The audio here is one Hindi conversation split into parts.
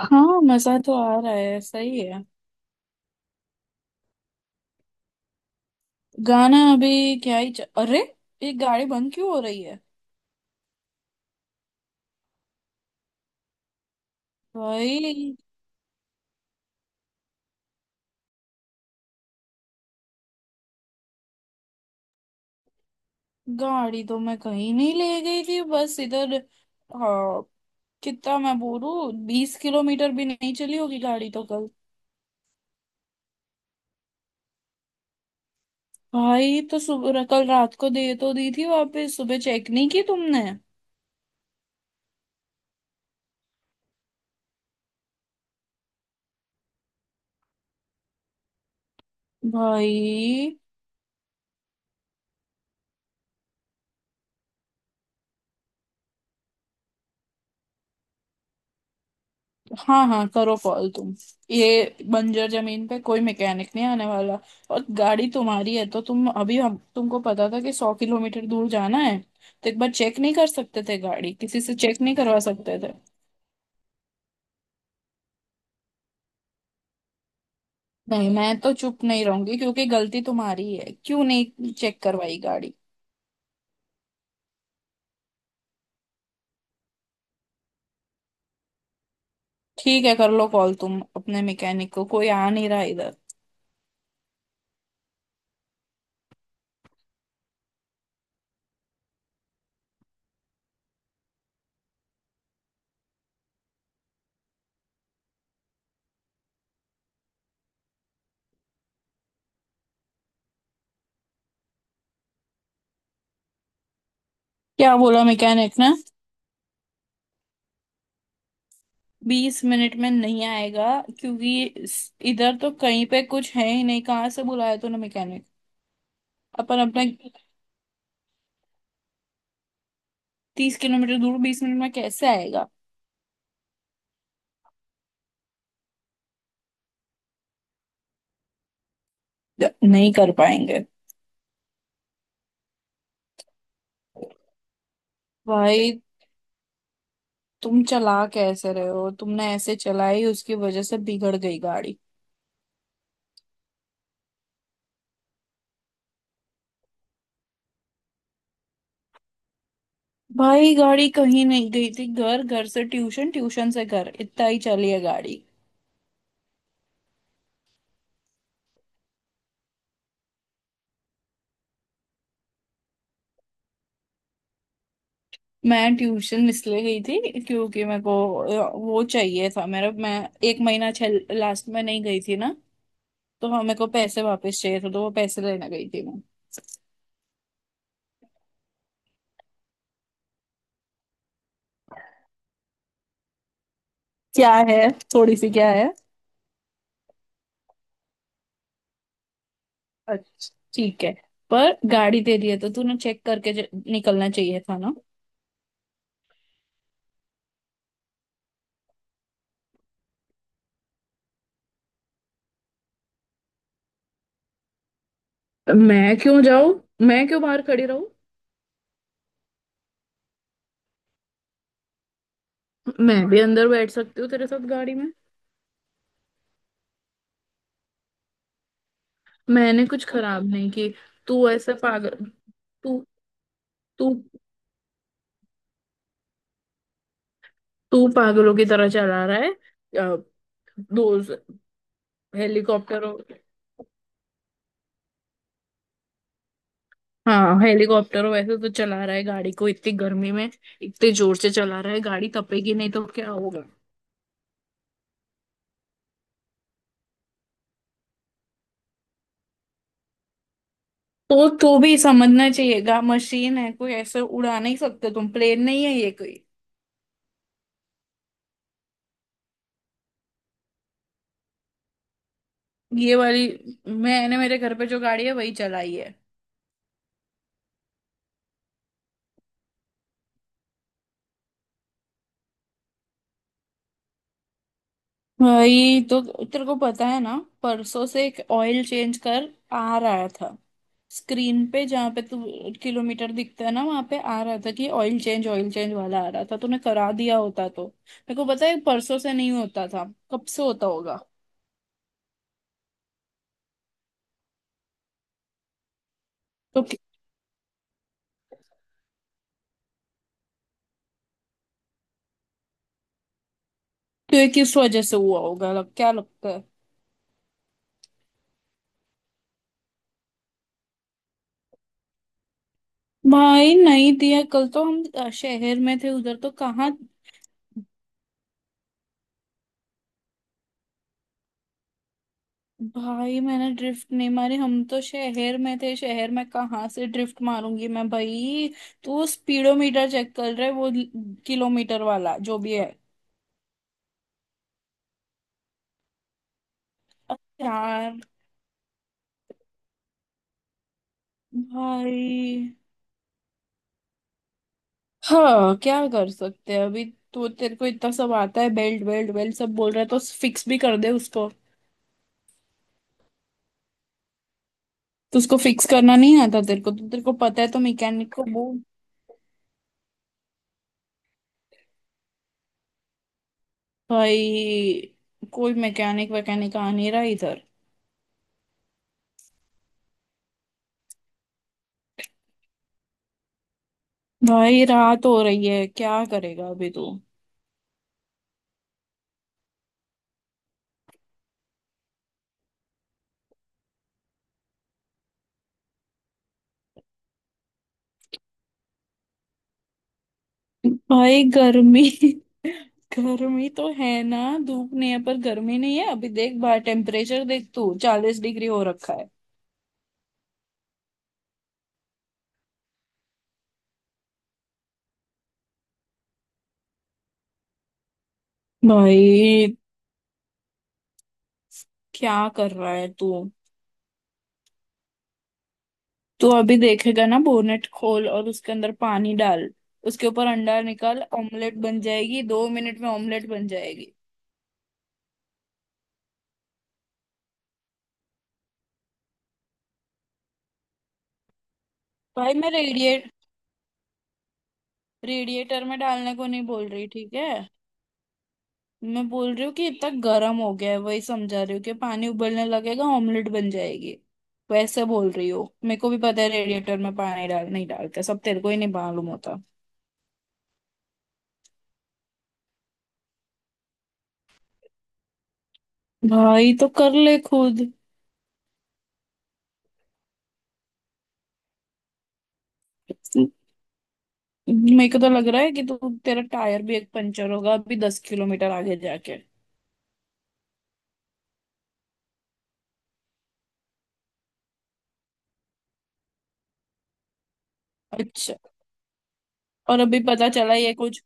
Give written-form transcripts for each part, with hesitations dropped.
हाँ, मजा तो आ रहा है। सही है। गाना अभी क्या ही अरे, ये गाड़ी बंद क्यों हो रही है? भाई, गाड़ी तो मैं कहीं नहीं ले गई थी, बस इधर। हाँ। कितना मैं बोलूं। 20 किलोमीटर भी नहीं चली होगी गाड़ी तो कल। भाई, तो सुबह, कल रात को दे तो दी थी वापस, सुबह चेक नहीं की तुमने? भाई। हाँ हाँ, करो कॉल तुम। ये बंजर जमीन पे कोई मैकेनिक नहीं आने वाला। और गाड़ी तुम्हारी है तो तुम अभी हम तुमको पता था कि 100 किलोमीटर दूर जाना है तो एक बार चेक नहीं कर सकते थे गाड़ी, किसी से चेक नहीं करवा सकते थे? नहीं, मैं तो चुप नहीं रहूंगी क्योंकि गलती तुम्हारी है। क्यों नहीं चेक करवाई गाड़ी? ठीक है, कर लो कॉल तुम अपने मैकेनिक को, कोई आ नहीं रहा इधर। क्या बोला मैकेनिक ने? 20 मिनट में नहीं आएगा। क्योंकि इधर तो कहीं पे कुछ है ही नहीं, कहाँ से बुलाया तूने मैकेनिक? अपन अपना। 30 किलोमीटर दूर 20 मिनट में कैसे आएगा? नहीं कर पाएंगे। भाई, तुम चला कैसे रहे हो? तुमने ऐसे चलाई, उसकी वजह से बिगड़ गई गाड़ी। भाई, गाड़ी कहीं नहीं गई थी। घर, घर से ट्यूशन, ट्यूशन से घर, इतना ही चली है गाड़ी। मैं ट्यूशन इसलिए गई थी क्योंकि मेरे को वो चाहिए था मेरा। मैं एक महीना छल लास्ट में नहीं गई थी ना, तो हाँ, मेरे को पैसे वापस चाहिए थे, तो वो पैसे लेने गई थी मैं। क्या है? थोड़ी सी क्या है? अच्छा ठीक है। पर गाड़ी तेरी है तो तूने चेक करके निकलना चाहिए था ना। मैं क्यों जाऊं? मैं क्यों बाहर खड़ी रहूं? मैं भी अंदर बैठ सकती हूँ तेरे साथ गाड़ी में। मैंने कुछ खराब नहीं की। तू ऐसे पागल। तू तू तू पागलों की तरह चला रहा है। अ, दो। हेलीकॉप्टरों। हाँ, हेलीकॉप्टरों वैसे तो चला रहा है गाड़ी को इतनी गर्मी में। इतने जोर से चला रहा है गाड़ी, तपेगी नहीं तो क्या होगा? तो भी समझना चाहिएगा, मशीन है कोई, ऐसे उड़ा नहीं सकते तुम, प्लेन नहीं है ये कोई। ये वाली। मैंने मेरे घर पे जो गाड़ी है वही चलाई है। भाई तो तेरे को पता है ना, परसों से एक ऑयल चेंज कर आ रहा था स्क्रीन पे, जहाँ पे तू किलोमीटर दिखता है ना वहां पे आ रहा था कि ऑयल चेंज, ऑयल चेंज वाला आ रहा था। तूने करा दिया होता तो मेरे को पता है परसों से नहीं होता था, कब से होता होगा। तो कि- तो ये किस वजह से हुआ होगा, क्या लगता है? भाई, नहीं दिया। कल तो हम शहर में थे, उधर तो कहाँ। भाई, मैंने ड्रिफ्ट नहीं मारी। हम तो शहर में थे, शहर में कहाँ से ड्रिफ्ट मारूंगी मैं भाई। तू स्पीडोमीटर चेक कर रहे वो, किलोमीटर वाला जो भी है। यार, भाई, हाँ क्या कर सकते हैं अभी? तो तेरे को इतना सब आता है, बेल्ट, बेल्ट, बेल्ट सब बोल रहा है, तो फिक्स भी कर दे उसको। तो उसको फिक्स करना नहीं आता तेरे को, तो तेरे को पता है तो मैकेनिक को बोल। भाई, कोई मैकेनिक वैकेनिक आ नहीं रहा इधर। भाई, रात हो रही है, क्या करेगा अभी तू? भाई, गर्मी गर्मी तो है ना। धूप नहीं है पर गर्मी नहीं है अभी? देख बाहर टेम्परेचर देख तू, 40 डिग्री हो रखा है। भाई, क्या कर रहा है तू? तू अभी देखेगा ना, बोनेट खोल और उसके अंदर पानी डाल, उसके ऊपर अंडा निकाल, ऑमलेट बन जाएगी 2 मिनट में, ऑमलेट बन जाएगी। भाई, मैं रेडिएटर में डालने को नहीं बोल रही, ठीक है? मैं बोल रही हूँ कि इतना गर्म हो गया है, वही समझा रही हूँ कि पानी उबलने लगेगा, ऑमलेट बन जाएगी वैसे बोल रही हो। मेरे को भी पता है रेडिएटर में पानी डाल नहीं डालते, सब तेरे को ही नहीं मालूम होता। भाई तो कर ले खुद। मेरे को तो लग रहा है कि तू, तेरा टायर भी एक पंचर होगा अभी 10 किलोमीटर आगे जाके। अच्छा, और अभी पता चला ये कुछ।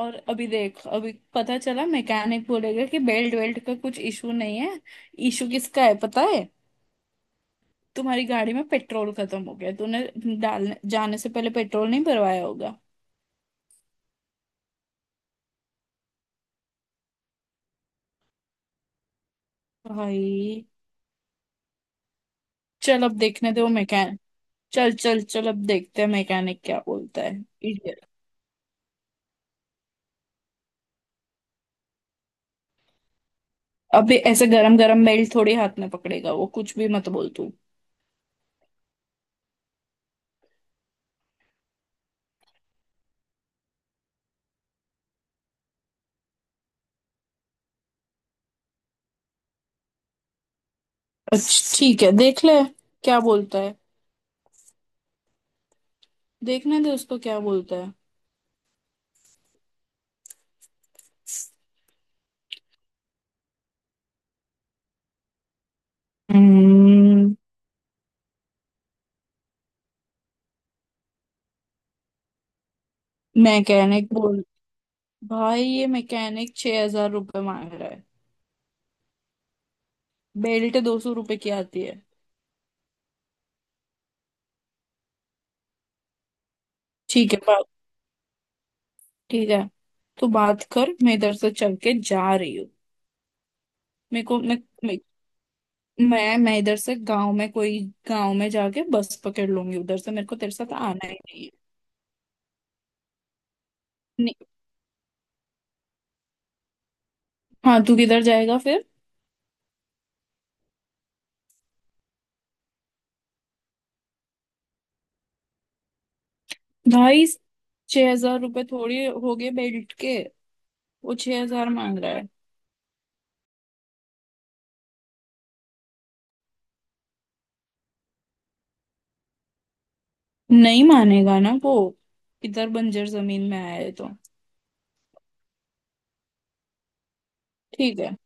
और अभी देख, अभी पता चला मैकेनिक बोलेगा कि बेल्ट वेल्ट का कुछ इशू नहीं है। इशू किसका है पता है? तुम्हारी गाड़ी में पेट्रोल खत्म हो गया। तूने डालने जाने से पहले पेट्रोल नहीं भरवाया होगा। भाई। चल, अब देखने दे वो मैकेनिक। चल चल चल, अब देखते हैं मैकेनिक क्या बोलता है। इडियट, अबे ऐसे गरम गरम मेल थोड़ी हाथ में पकड़ेगा वो, कुछ भी मत बोल तू। अच्छा ठीक है, देख ले क्या बोलता है, देखने दे उसको क्या बोलता है। हम्म। मैकेनिक बोल। भाई, ये मैकेनिक 6,000 रुपये मांग रहा है, बेल्ट 200 रुपए की आती है। ठीक है, बात। ठीक है, तो बात कर, मैं इधर से चल के जा रही हूँ। मेरे को मैं मैं इधर से गांव में कोई, गांव में जाके बस पकड़ लूंगी उधर से, मेरे को तेरे साथ आना ही नहीं है। नहीं, हाँ तू किधर जाएगा फिर? ढाई। छह हजार रुपये थोड़ी हो गए बेल्ट के! वो 6,000 मांग रहा है। नहीं मानेगा ना वो, इधर बंजर जमीन में आया है तो। ठीक है।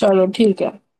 चलो ठीक है।